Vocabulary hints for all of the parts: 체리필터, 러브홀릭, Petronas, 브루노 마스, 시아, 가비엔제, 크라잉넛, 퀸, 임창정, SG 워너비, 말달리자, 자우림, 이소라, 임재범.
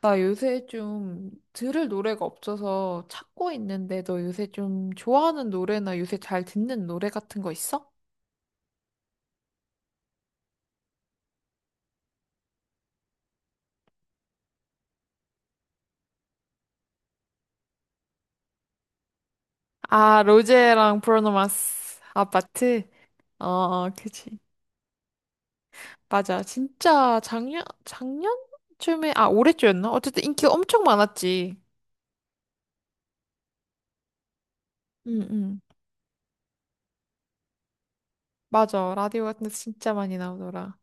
나 요새 좀 들을 노래가 없어서 찾고 있는데 너 요새 좀 좋아하는 노래나 요새 잘 듣는 노래 같은 거 있어? 아, 로제랑 브루노 마스 아파트? 어, 어, 그치. 맞아. 진짜 작년, 작년쯤에, 아, 올해쯤이었나? 어쨌든 인기가 엄청 많았지. 응, 응. 맞아. 라디오 같은 데서 진짜 많이 나오더라.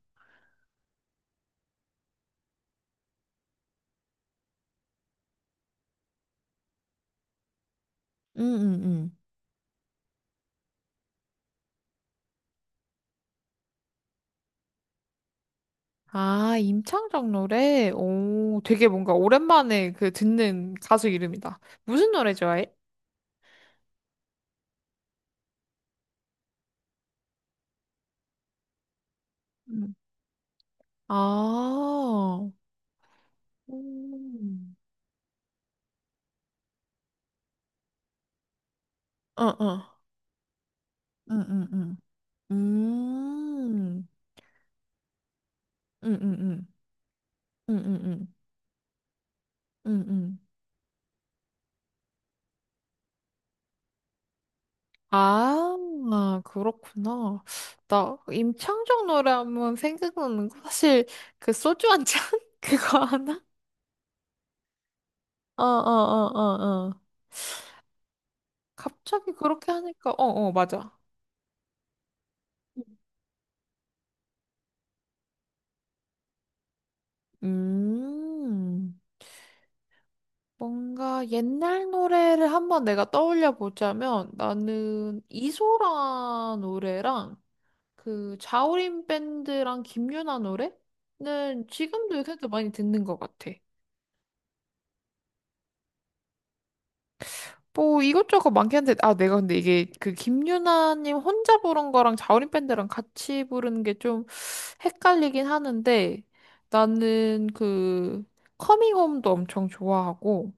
응, 응, 응. 아, 임창정 노래? 오, 되게 뭔가 오랜만에 그 듣는 가수 이름이다. 무슨 노래 좋아해? 아, 음. 어, 어. 응응응. 음, 음, 응응응. 응응. 응응. 아, 아, 그렇구나. 나 임창정 노래 하면 생각나는 거 사실 그 소주 한 잔? 그거 하나? 어어어어어. 갑자기 그렇게 하니까, 어, 어, 맞아. 음. 뭔가 옛날 노래를 한번 내가 떠올려 보자면 나는 이소라 노래랑 그 자우림 밴드랑 김유나 노래는 지금도 요새도 많이 듣는 것 같아. 뭐 이것저것 많긴 한데, 아, 내가 근데 이게 그 김유나님 혼자 부른 거랑 자우림 밴드랑 같이 부르는 게 좀 헷갈리긴 하는데, 나는 그 커밍홈도 엄청 좋아하고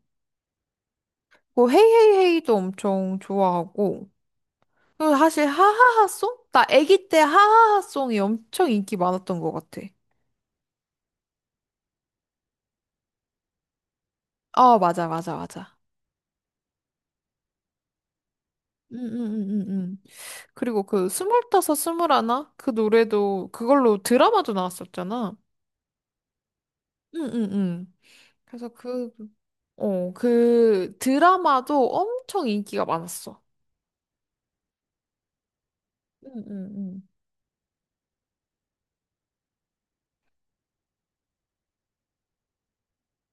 뭐 헤이헤이헤이도 엄청 좋아하고 그 사실 하하하송? 나 아기 때 하하하송이 엄청 인기 많았던 것 같아. 어, 맞아, 맞아, 맞아. 음, 음, 음, 음, 음. 그리고 그 스물다섯, 스물하나? 그 노래도 그걸로 드라마도 나왔었잖아. 응, 응, 응. 그래서 그, 어, 그 드라마도 엄청 인기가 많았어. 응, 응, 응.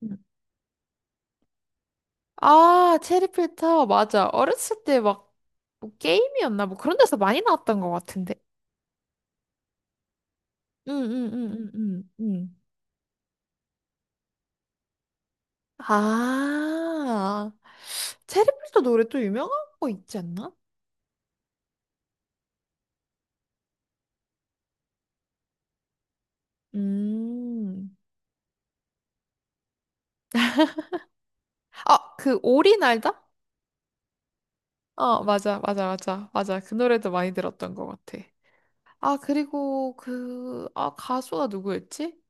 응. 아, 체리필터, 맞아. 어렸을 때 막, 뭐 게임이었나? 뭐 그런 데서 많이 나왔던 것 같은데. 응, 응, 응, 응, 응. 응. 아, 체리필터 노래 또 유명한 거 있지 않나? 음. 아, 그 오리 날다? 어, 맞아, 맞아, 맞아, 맞아. 그 노래도 많이 들었던 것 같아. 아, 그리고 그, 아, 가수가 누구였지?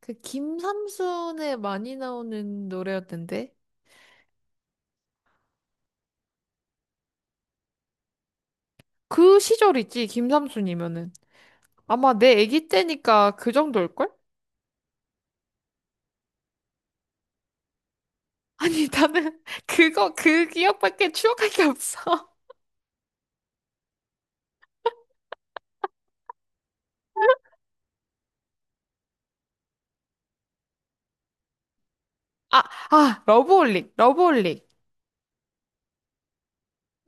그 김삼순에 많이 나오는 노래였는데. 그 시절이지, 김삼순이면은. 아마 내 아기 때니까 그 정도일걸? 아니, 나는 그거, 그 기억밖에 추억할 게 없어. 아, 아, 러브홀릭, 러브홀릭.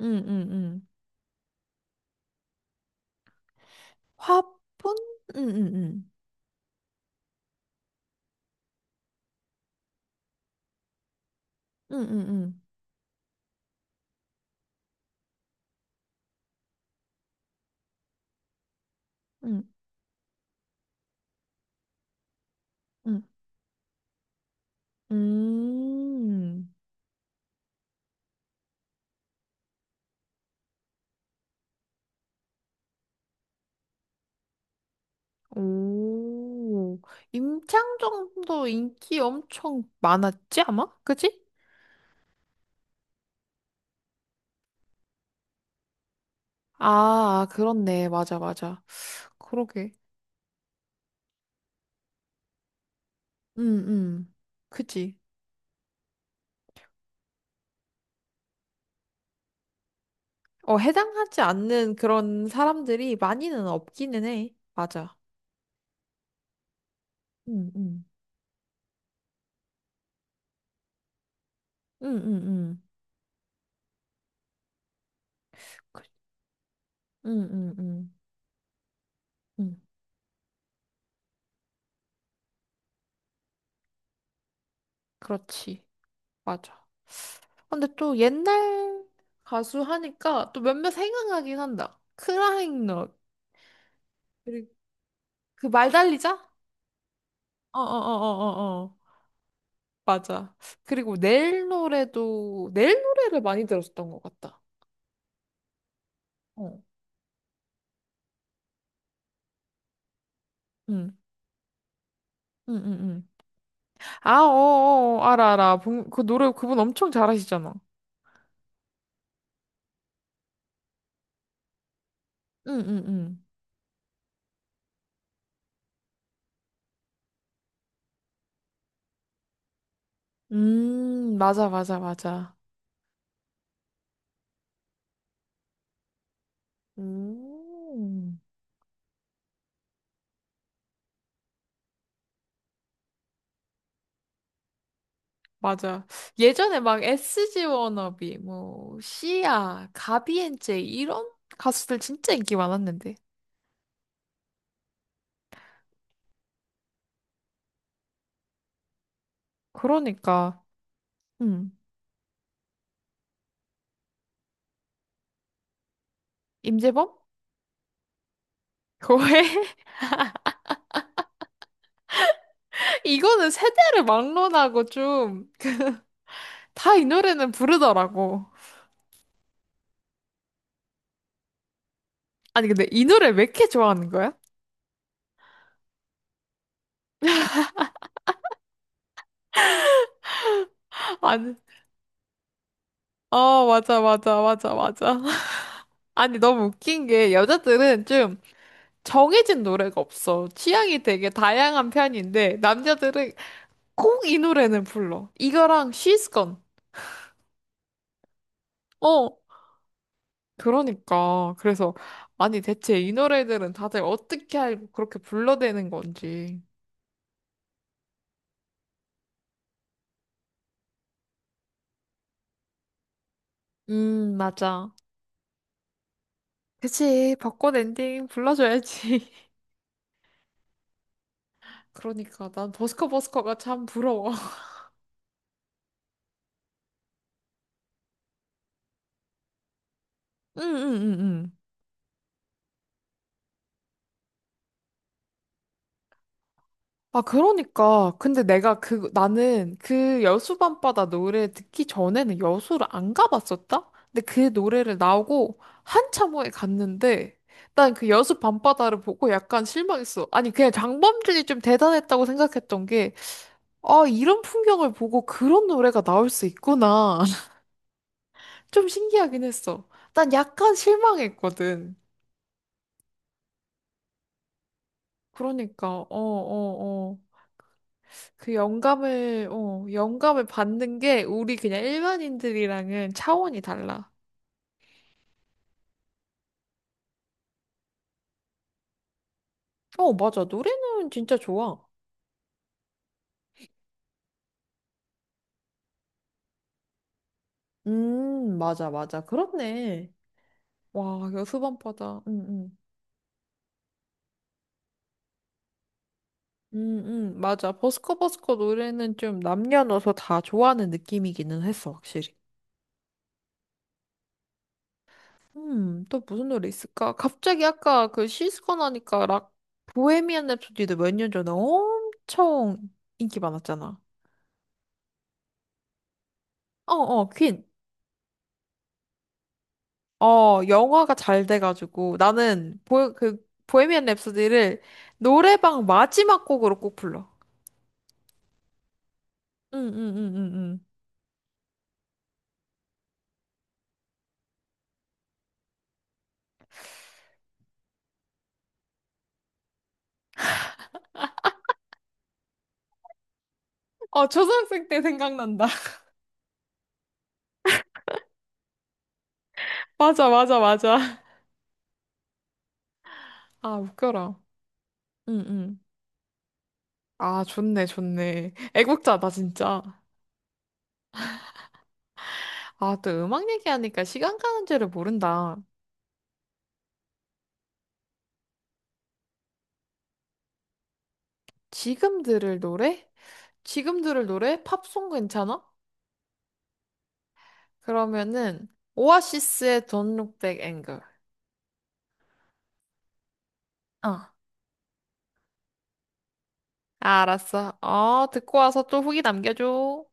응, 응, 응. 화분? 응, 응, 응. 응, 응, 응. 응, 응. 음. 오. 임창정도 인기 엄청 많았지, 아마? 그치? 아, 그렇네. 맞아, 맞아. 그러게. 응, 응. 그치. 어, 해당하지 않는 그런 사람들이 많이는 없기는 해. 맞아. 응, 응. 응, 응, 응. 그, 응, 응, 응. 응. 그렇지. 맞아. 근데 또 옛날 가수 하니까 또 몇몇 생각나긴 한다. 크라잉넛. 그리고 그 말달리자? 어어어어어어. 맞아. 그리고 내일 노래도, 내일 노래를 많이 들었었던 것 같다. 어. 응. 응, 응, 응. 아, 어어어. 알아, 알아. 그 노래 그분 엄청 잘하시잖아. 응, 응, 응. 맞아, 맞아, 맞아. 음. 맞아. 예전에 막 SG 워너비, 뭐, 시아, 가비엔제 이런 가수들 진짜 인기 많았는데. 그러니까, 음, 임재범? 거의 이거는 세대를 막론하고 좀, 그 다이 노래는 부르더라고. 아니, 근데 이 노래 왜 이렇게 좋아하는 거야? 아니, 어, 맞아, 맞아, 맞아, 맞아. 아니, 너무 웃긴 게 여자들은 좀 정해진 노래가 없어. 취향이 되게 다양한 편인데, 남자들은 꼭 이 노래는 불러. 이거랑 She's Gone. 어. 그러니까. 그래서, 아니, 대체 이 노래들은 다들 어떻게 알고 그렇게 불러대는 건지. 맞아. 그치. 벚꽃 엔딩 불러줘야지. 그러니까. 난 버스커 버스커가 참 부러워. 응, 응, 응, 응. 아, 그러니까. 근데 내가 그, 나는 그 여수밤바다 노래 듣기 전에는 여수를 안 가봤었다? 근데 그 노래를 나오고 한참 후에 갔는데, 난 그 여수밤바다를 보고 약간 실망했어. 아니, 그냥 장범준이 좀 대단했다고 생각했던 게, 아, 이런 풍경을 보고 그런 노래가 나올 수 있구나. 좀 신기하긴 했어. 난 약간 실망했거든. 그러니까, 어, 어, 어. 그 영감을, 어, 영감을 받는 게 우리 그냥 일반인들이랑은 차원이 달라. 어, 맞아. 노래는 진짜 좋아. 맞아, 맞아. 그렇네. 와, 여수밤바다. 응, 응. 음, 응 맞아. 버스커버스커 노래는 좀 남녀노소 다 좋아하는 느낌이기는 했어, 확실히. 또 무슨 노래 있을까? 갑자기 아까 그 시스콘 하니까 락, 보헤미안 랩소디도 몇 년 전에 엄청 인기 많았잖아. 어, 어, 퀸. 어, 영화가 잘 돼가지고 나는 그 보헤미안 랩소디를 노래방 마지막 곡으로 꼭 불러. 응, 응, 응, 응, 응. 어, 초등학생 때 생각난다. 맞아, 맞아, 맞아. 아, 웃겨라. 응, 응. 아, 좋네, 좋네. 애국자다, 진짜. 아, 또 음악 얘기하니까 시간 가는 줄을 모른다. 지금 들을 노래? 지금 들을 노래? 팝송 괜찮아? 그러면은 오아시스의 Don't Look Back Anger. 어. 아, 알았어. 어, 듣고 와서 또 후기 남겨줘.